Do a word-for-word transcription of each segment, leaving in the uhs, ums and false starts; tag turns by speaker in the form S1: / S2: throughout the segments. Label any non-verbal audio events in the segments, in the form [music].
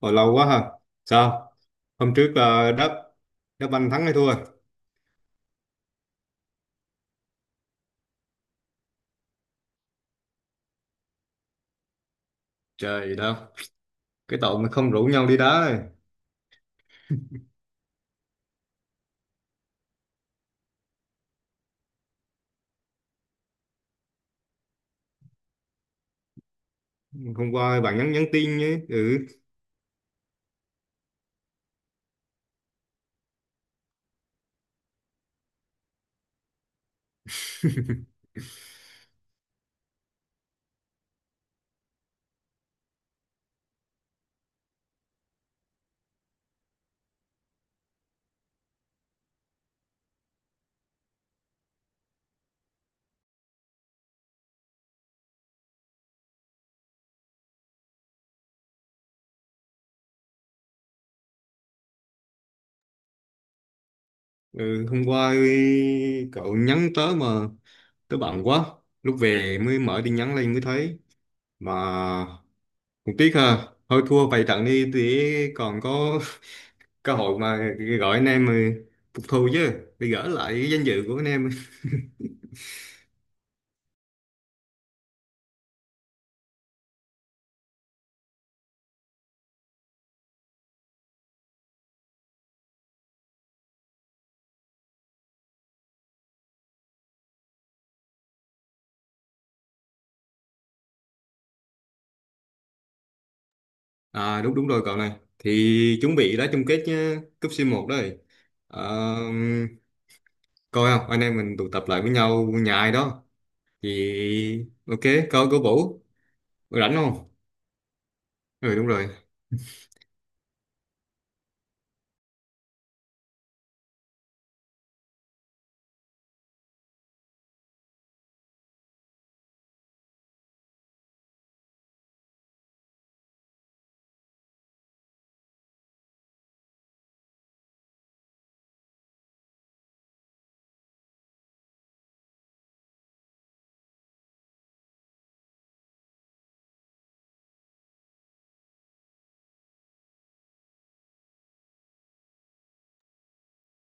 S1: Hồi lâu quá ha. Sao? Hôm trước là đá đá banh thắng hay thua? Trời gì đâu. Cái tội mà không rủ nhau đi đá này. Hôm qua bạn nhắn nhắn tin nhé. Ừ. [laughs] Ừ. Hôm qua cậu nhắn tới mà tới bận quá. Lúc về mới mở tin nhắn lên mới thấy. Mà cũng tiếc ha. Thôi thua vài trận đi thì còn có [laughs] cơ hội mà gọi anh em mà phục thù chứ. Để gỡ lại cái danh dự của anh em. À, đúng đúng rồi cậu này, thì chuẩn bị đá chung kết nhá, cúp xê một đấy. Ờ, Coi không anh em mình tụ tập lại với nhau nhà ai đó thì ok, coi cô Vũ rảnh không. Ừ, đúng rồi.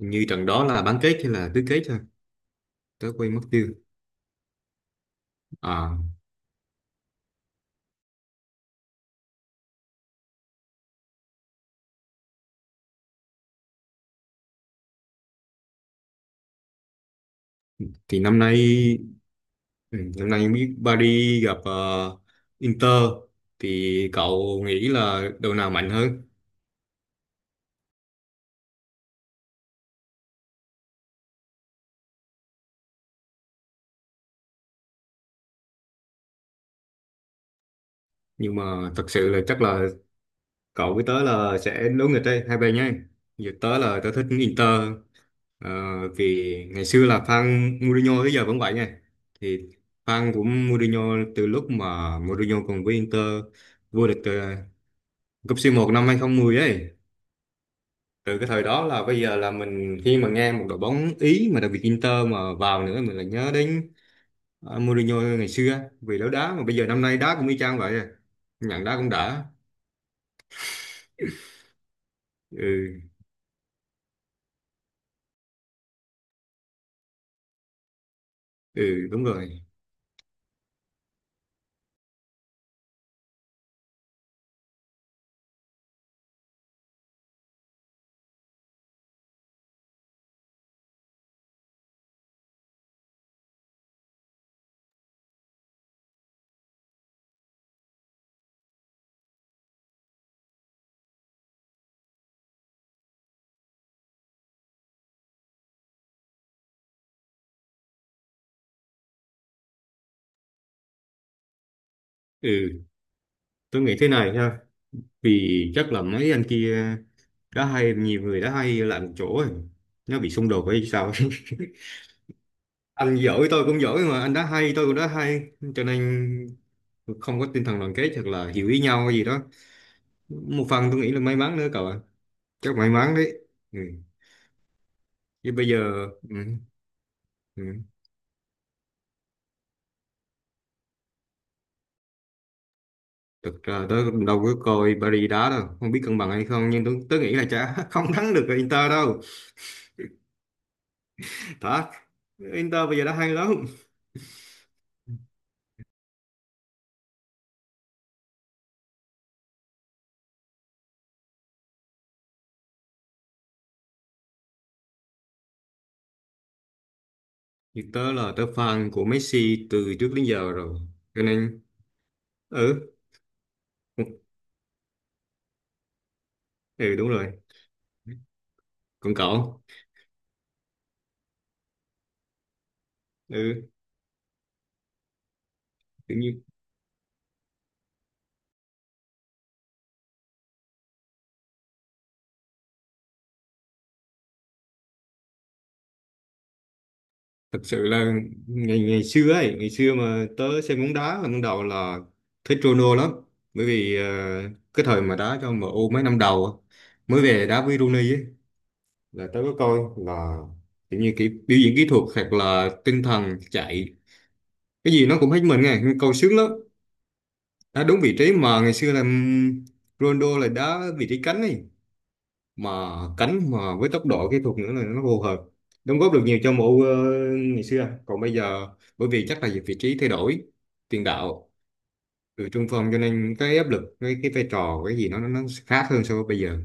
S1: Hình như trận đó là bán kết hay là tứ kết thôi, tớ quên mất tiêu. À, thì năm nay, ừ, năm nay biết Paris gặp ờ, Inter, thì cậu nghĩ là đội nào mạnh hơn? Nhưng mà thật sự là chắc là cậu với tớ là sẽ đấu nghịch đây, hai bên nhé. Giờ tớ là tớ thích Inter. ờ, Vì ngày xưa là fan Mourinho tới giờ vẫn vậy nha. Thì fan của Mourinho từ lúc mà Mourinho còn với Inter vô địch ờ, cúp xê một năm hai không một không ấy. Từ cái thời đó là bây giờ là mình khi mà nghe một đội bóng Ý mà đặc biệt Inter mà vào nữa mình lại nhớ đến ờ, Mourinho ngày xưa, vì đấu đá mà bây giờ năm nay đá cũng y chang vậy à. Nhận đá cũng đã. Ừ, ừ, đúng rồi. Ừ. Tôi nghĩ thế này nha: vì chắc là mấy anh kia đã hay, nhiều người đã hay lại một chỗ rồi nó bị xung đột hay sao ấy. [laughs] Anh giỏi tôi cũng giỏi mà, anh đã hay tôi cũng đã hay, cho nên không có tinh thần đoàn kết hoặc là hiểu ý nhau hay gì đó. Một phần tôi nghĩ là may mắn nữa cậu ạ. Chắc may mắn đấy. Ừ. Chứ bây giờ. Ừ. Ừ. Thực ra tớ cũng đâu có coi Paris đá đâu, không biết cân bằng hay không, nhưng tớ, tớ nghĩ là chả [laughs] không thắng được Inter đâu. Thật, Inter bây giờ đã hay lắm. Như tớ là tớ fan của Messi từ trước đến giờ rồi. Cho nên, ừ, ừ, ừ, đúng rồi. Còn cậu, ừ, tự nhiên, thật sự là ngày ngày xưa ấy, ngày xưa mà tớ xem bóng đá là ban đầu là thích Ronaldo lắm. Bởi vì ờ, cái thời mà đá cho em u mấy năm đầu á, mới về đá với Rooney ấy, là tớ có coi là tự nhiên cái biểu diễn kỹ thuật hoặc là tinh thần chạy, cái gì nó cũng hết mình nghe, câu sướng lắm. Đá đúng vị trí mà ngày xưa là ừm, Ronaldo là đá vị trí cánh ấy, mà cánh mà với tốc độ kỹ thuật nữa là nó phù hợp, đóng góp được nhiều cho em u ờ, ngày xưa. Còn bây giờ bởi vì chắc là vị trí thay đổi, tiền đạo từ trung phong, cho nên cái áp lực, cái cái vai trò, cái gì nó nó nó khác hơn so với bây giờ.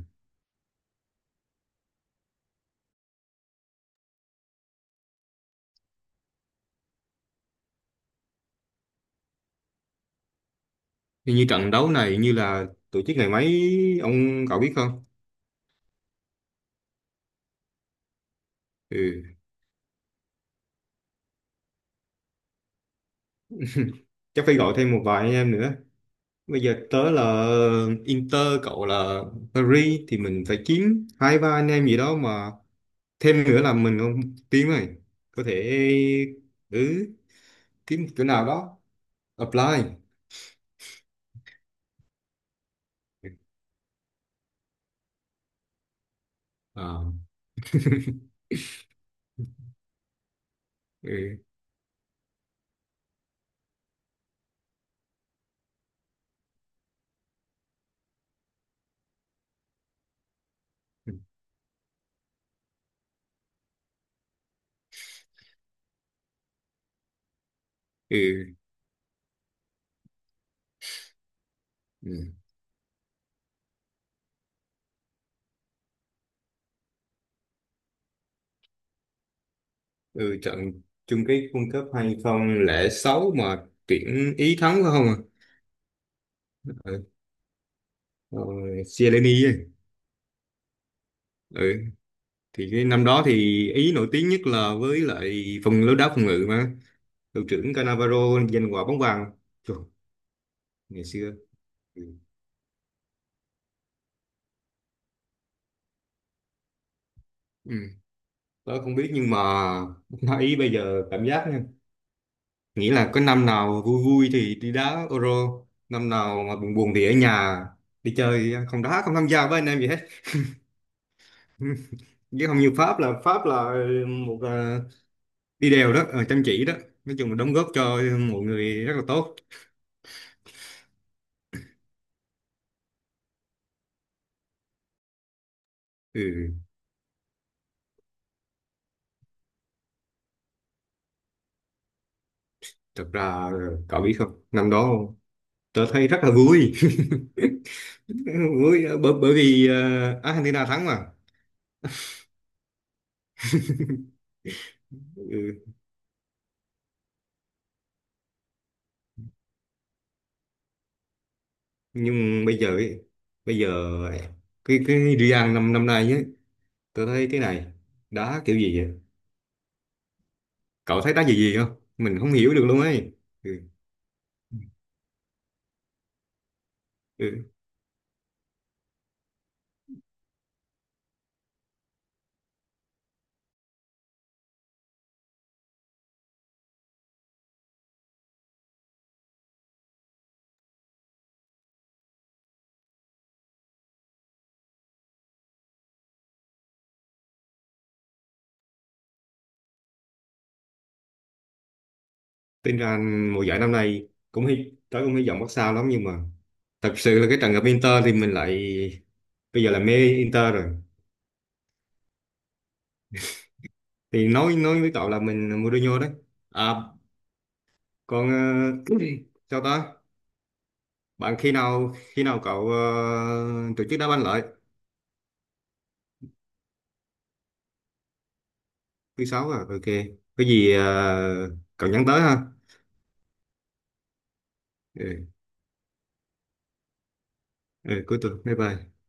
S1: Như, như trận đấu này, như là tổ chức ngày mấy ông cậu biết không? Ừ. Chắc phải gọi thêm một vài anh em nữa. Bây giờ tớ là Inter, cậu là Paris, thì mình phải kiếm hai ba anh em gì đó mà thêm nữa là mình không tiếng rồi. Có thể, ừ, kiếm chỗ nào đó apply. À, ừ, ừ, ừ, ừ, trận chung kết World Cup hai không không sáu mà tuyển Ý thắng phải không? À? Ừ, rồi Chiellini ấy. Ừ, thì cái năm đó thì Ý nổi tiếng nhất là với lại phần lối đá phòng ngự mà. Đội trưởng Cannavaro giành quả bóng vàng. Trời, ngày xưa. Ừ. Ừ. Tớ không biết nhưng mà [laughs] bóng Ý bây giờ cảm giác nha, nghĩ là có năm nào vui vui thì đi đá Euro, năm nào mà buồn buồn thì ở nhà, đi chơi không đá, không tham gia với anh em gì hết. [laughs] Chứ không như Pháp là Pháp là một ờ, đi đều đó ờ, chăm chỉ đó, nói chung là đóng góp cho mọi người rất là tốt. Ừ, thật ra cậu biết không, năm đó tớ thấy rất là vui [laughs] bởi, bởi bởi vì ờ, Argentina thắng mà. Ừ. Nhưng bây giờ ấy, bây giờ cái cái Real năm năm nay ấy, tôi thấy cái này đá kiểu gì vậy? Cậu thấy đá gì gì không, mình không hiểu được luôn ấy. Ừ. Ừ. Tính ra mùa giải năm nay cũng hy tới cũng hy vọng Barca lắm, nhưng mà thật sự là cái trận gặp Inter thì mình lại, bây giờ là mê Inter rồi. Thì nói nói với cậu là mình Mourinho đấy. À còn ờ, [clears throat] sao ta? Bạn khi nào khi nào cậu ờ, tổ chức đá banh lại? Thứ sáu à, ok. Có gì ờ, cậu nhắn tới ha. Ừ, ừ, cuối tuần. Bye bye.